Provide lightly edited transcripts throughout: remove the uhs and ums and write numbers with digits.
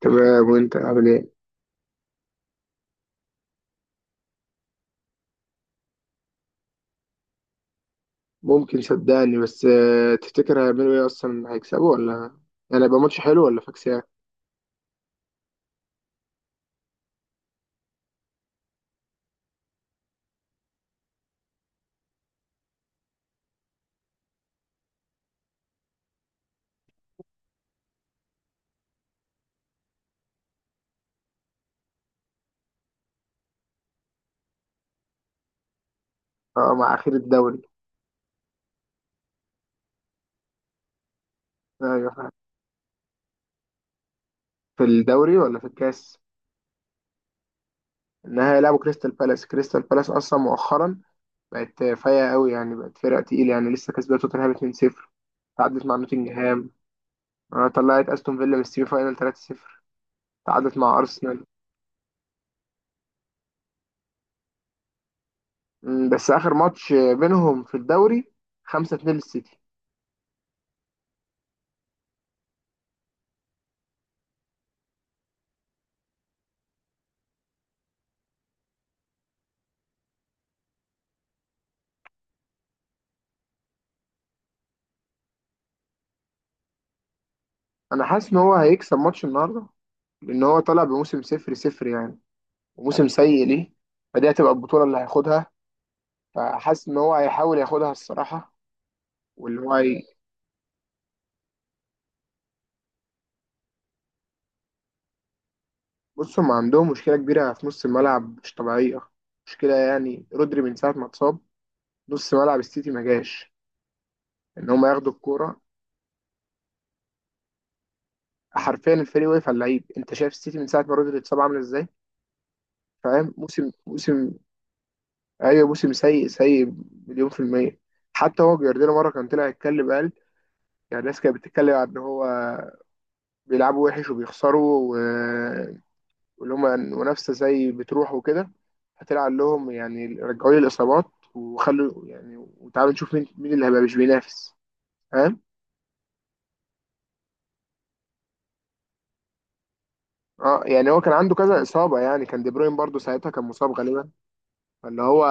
تمام، وانت عامل ايه؟ ممكن صدقني بس تفتكر هيعملوا ايه اصلا؟ هيكسبوا ولا يعني هيبقى ماتش حلو ولا فاكسيا؟ اه، مع اخير الدوري. ايوه، فاهم. في الدوري ولا في الكاس؟ انها هيلعبوا كريستال بالاس. كريستال بالاس اصلا مؤخرا بقت فايقه قوي، يعني بقت فرقه تقيله، يعني لسه كسبت توتنهام 2-0، تعادلت مع نوتنجهام، طلعت استون فيلا من السيمي فاينال 3-0، تعادلت مع ارسنال. بس اخر ماتش بينهم في الدوري 5-2 للسيتي. انا حاسس ان هو هيكسب ماتش النهارده، لان هو طالع بموسم صفر صفر يعني، وموسم سيء ليه، فدي هتبقى البطوله اللي هياخدها، فحاسس ان هو هيحاول ياخدها الصراحه. واللي هو هي... بص، هم عندهم مشكله كبيره في نص الملعب مش طبيعيه. مشكله يعني رودري، من ساعه ما اتصاب نص ملعب السيتي ما جاش ان هم ياخدوا الكوره. حرفيا الفريق واقف على اللعيب، انت شايف السيتي من ساعه ما رودري اتصاب عامل ازاي؟ فاهم، موسم موسم. ايوه، موسم سيء سيء، مليون في الميه. حتى هو جوارديولا مره كان طلع يتكلم، قال يعني الناس كانت بتتكلم عن ان هو بيلعبوا وحش وبيخسروا واللي هما منافسة زي بتروح وكده، هتلعب لهم يعني، رجعوا لي الإصابات وخلوا يعني، وتعالوا نشوف مين مين اللي هيبقى مش بينافس. فاهم؟ اه يعني هو كان عنده كذا إصابة، يعني كان دي بروين برضه ساعتها كان مصاب غالبا، فاللي هو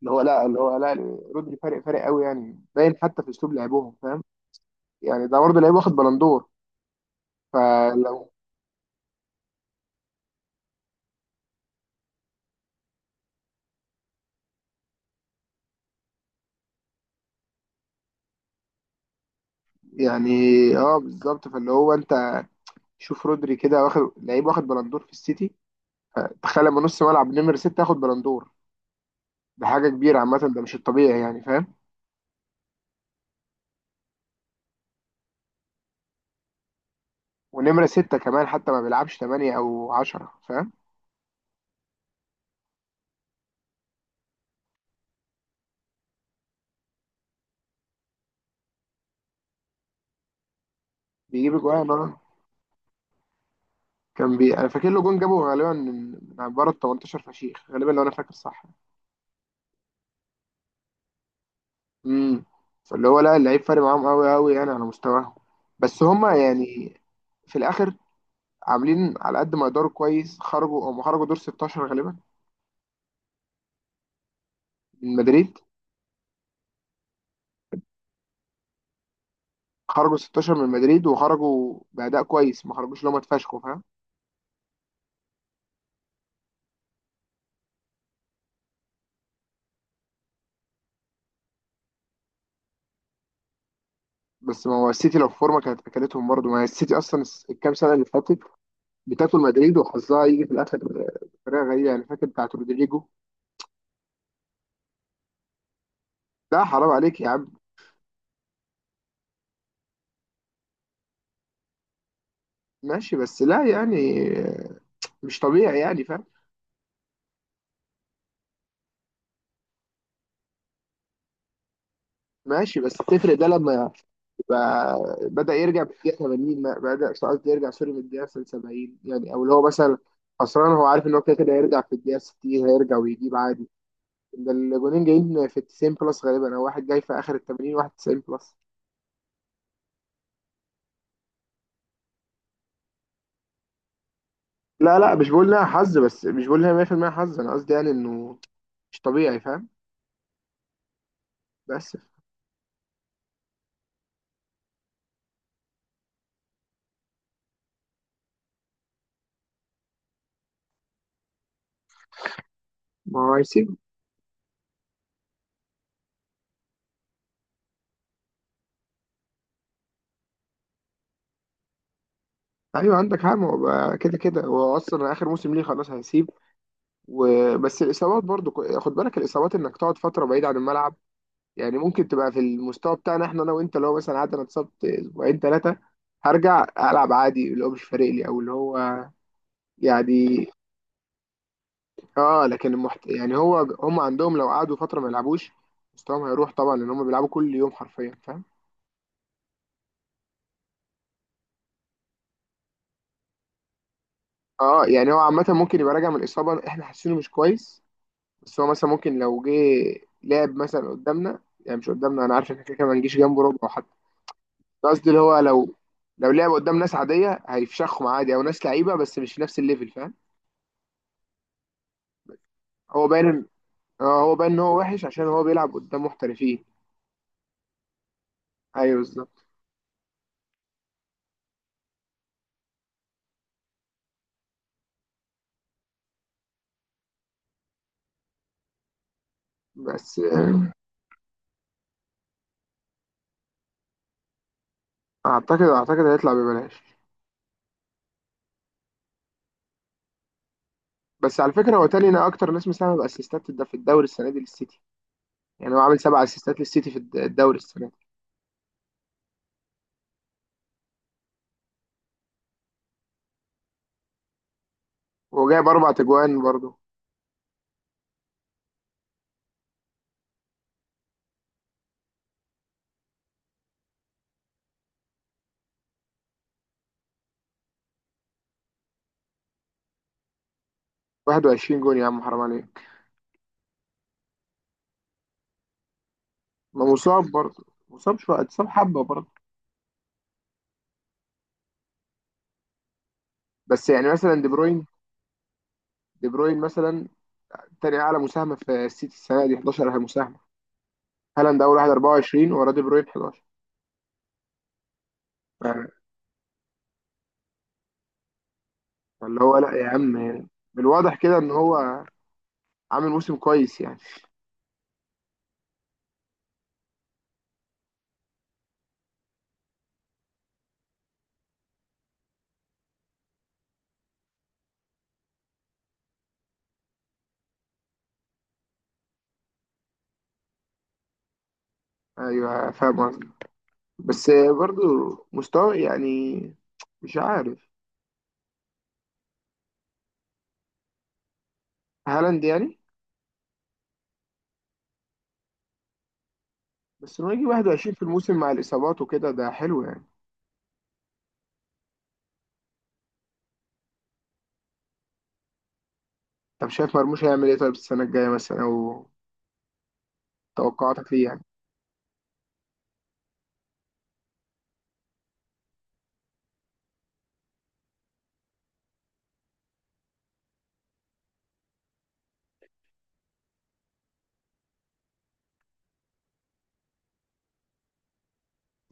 اللي هو لا، رودري فارق فارق قوي يعني، باين حتى في أسلوب لعبهم. فاهم؟ يعني ده برضه لعيب واخد بلندور، فلو. يعني اه، بالظبط. فاللي هو انت شوف رودري كده، واخد لعيب واخد بلندور في السيتي، تخيل لما نص ملعب نمرة ستة ياخد بلندور، ده حاجة كبيرة عامة، ده مش الطبيعي يعني. فاهم؟ ونمرة ستة كمان حتى ما بيلعبش تمانية أو عشرة. فاهم؟ بيجيب جوان، اه كان بي. أنا فاكر له جون جابه غالبا من بره ال 18، فشيخ غالبا لو أنا فاكر صح. امم. فاللي هو لا، اللعيب فارق معاهم أوي أوي يعني، على مستواهم بس هما يعني في الآخر عاملين على قد ما يقدروا كويس. خرجوا، هم خرجوا دور 16 غالبا من مدريد، خرجوا 16 من مدريد وخرجوا بأداء كويس، ما خرجوش اللي هم اتفشخوا. فاهم؟ بس ما هو السيتي لو في فورمه كانت اكلتهم برضه، ما هي السيتي اصلا الكام سنه اللي فاتت بتاكل مدريد، وحظها يجي في الاخر بطريقه غريبه يعني، فاكر بتاعت رودريجو. لا، حرام عليك يا عم. ماشي، بس لا، يعني مش طبيعي يعني. فاهم؟ ماشي، بس تفرق ده لما يبقى بدأ يرجع في الدقيقة 80، بدأ قصدي يرجع، سوري، من الدقيقة 70 يعني، او اللي هو مثلا خسران هو عارف ان هو كده كده هيرجع، في الدقيقة 60 هيرجع ويجيب عادي. ده الجونين جايين في 90 بلس غالبا، او واحد جاي في اخر ال 80 واحد 90 بلس. لا لا، مش بقول لها حظ بس، مش بقول لها 100% حظ. انا قصدي يعني انه مش طبيعي. فاهم؟ بس ما هو هيسيب. ايوه، عندك حق، ما هو بقى كده كده هو اصلا اخر موسم ليه خلاص، هيسيب. وبس الاصابات برضو خد بالك الاصابات، انك تقعد فتره بعيد عن الملعب، يعني ممكن تبقى في المستوى بتاعنا احنا انا وانت. لو مثلا قعدت انا، اتصبت اسبوعين ثلاثه، هرجع العب عادي، اللي هو مش فارق لي، او اللي هو يعني. اه، لكن يعني هو هم عندهم لو قعدوا فتره ما يلعبوش، مستواهم هيروح طبعا، لان هم بيلعبوا كل يوم حرفيا. اه يعني هو عامة ممكن يبقى راجع من إصابة احنا حاسينه مش كويس، بس هو مثلا ممكن لو جه لعب مثلا قدامنا، يعني مش قدامنا، انا عارف ان احنا كده كده ما نجيش جنبه ربع حتى. قصدي اللي هو لو لعب قدام ناس عادية هيفشخهم عادي، او ناس لعيبة بس مش في نفس الليفل. فاهم؟ هو باين، اه هو باين ان هو وحش عشان هو بيلعب قدام محترفين. ايوه، بالظبط. بس اعتقد هيطلع ببلاش. بس على فكرة، هو تاني انا اكتر ناس مساهمة باسيستات في الدوري السنة دي للسيتي، يعني هو عامل 7 اسيستات للسيتي في الدوري السنة دي، وجايب 4 تجوان برضه، 21 جون يا عم، حرام عليك. ما مصاب، برضه مصاب شويه، اتصاب حبه برضه. بس يعني مثلا دي بروين، دي بروين مثلا تاني اعلى مساهمه في السيتي السنه دي 11 مساهمه. هالاند اول واحد 24، وراه دي بروين 11. ف- فاللي هو لا يا عم، بالواضح كده ان هو عامل موسم كويس يعني. ايوه، فاهم قصدي، بس برضه مستوى يعني مش عارف، هالاند يعني. بس انه يجي 21 في الموسم مع الاصابات وكده ده حلو يعني. طب شايف مرموش هيعمل ايه طيب السنه الجايه مثلا، او توقعاتك ليه يعني؟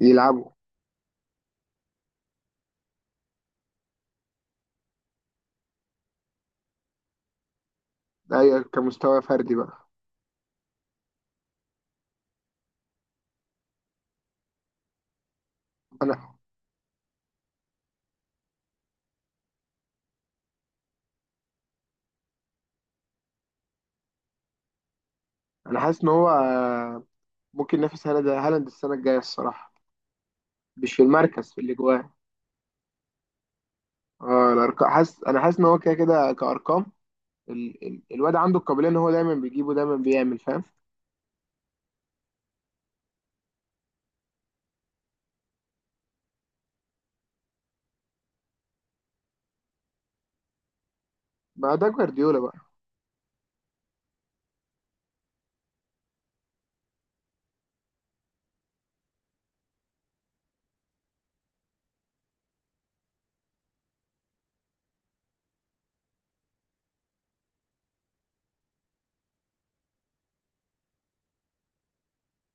يلعبوا. اي كمستوى فردي بقى. انا انا حاسس ان هو ممكن ينافس هالاند، هالاند السنه الجايه الصراحه، مش في المركز، في الاجوان. اه الارقام، حاسس، انا حاسس ان هو كده كده كارقام، الواد عنده القابليه ان هو دايما بيجيبه، دايما بيعمل. فاهم؟ ما ده جوارديولا بقى.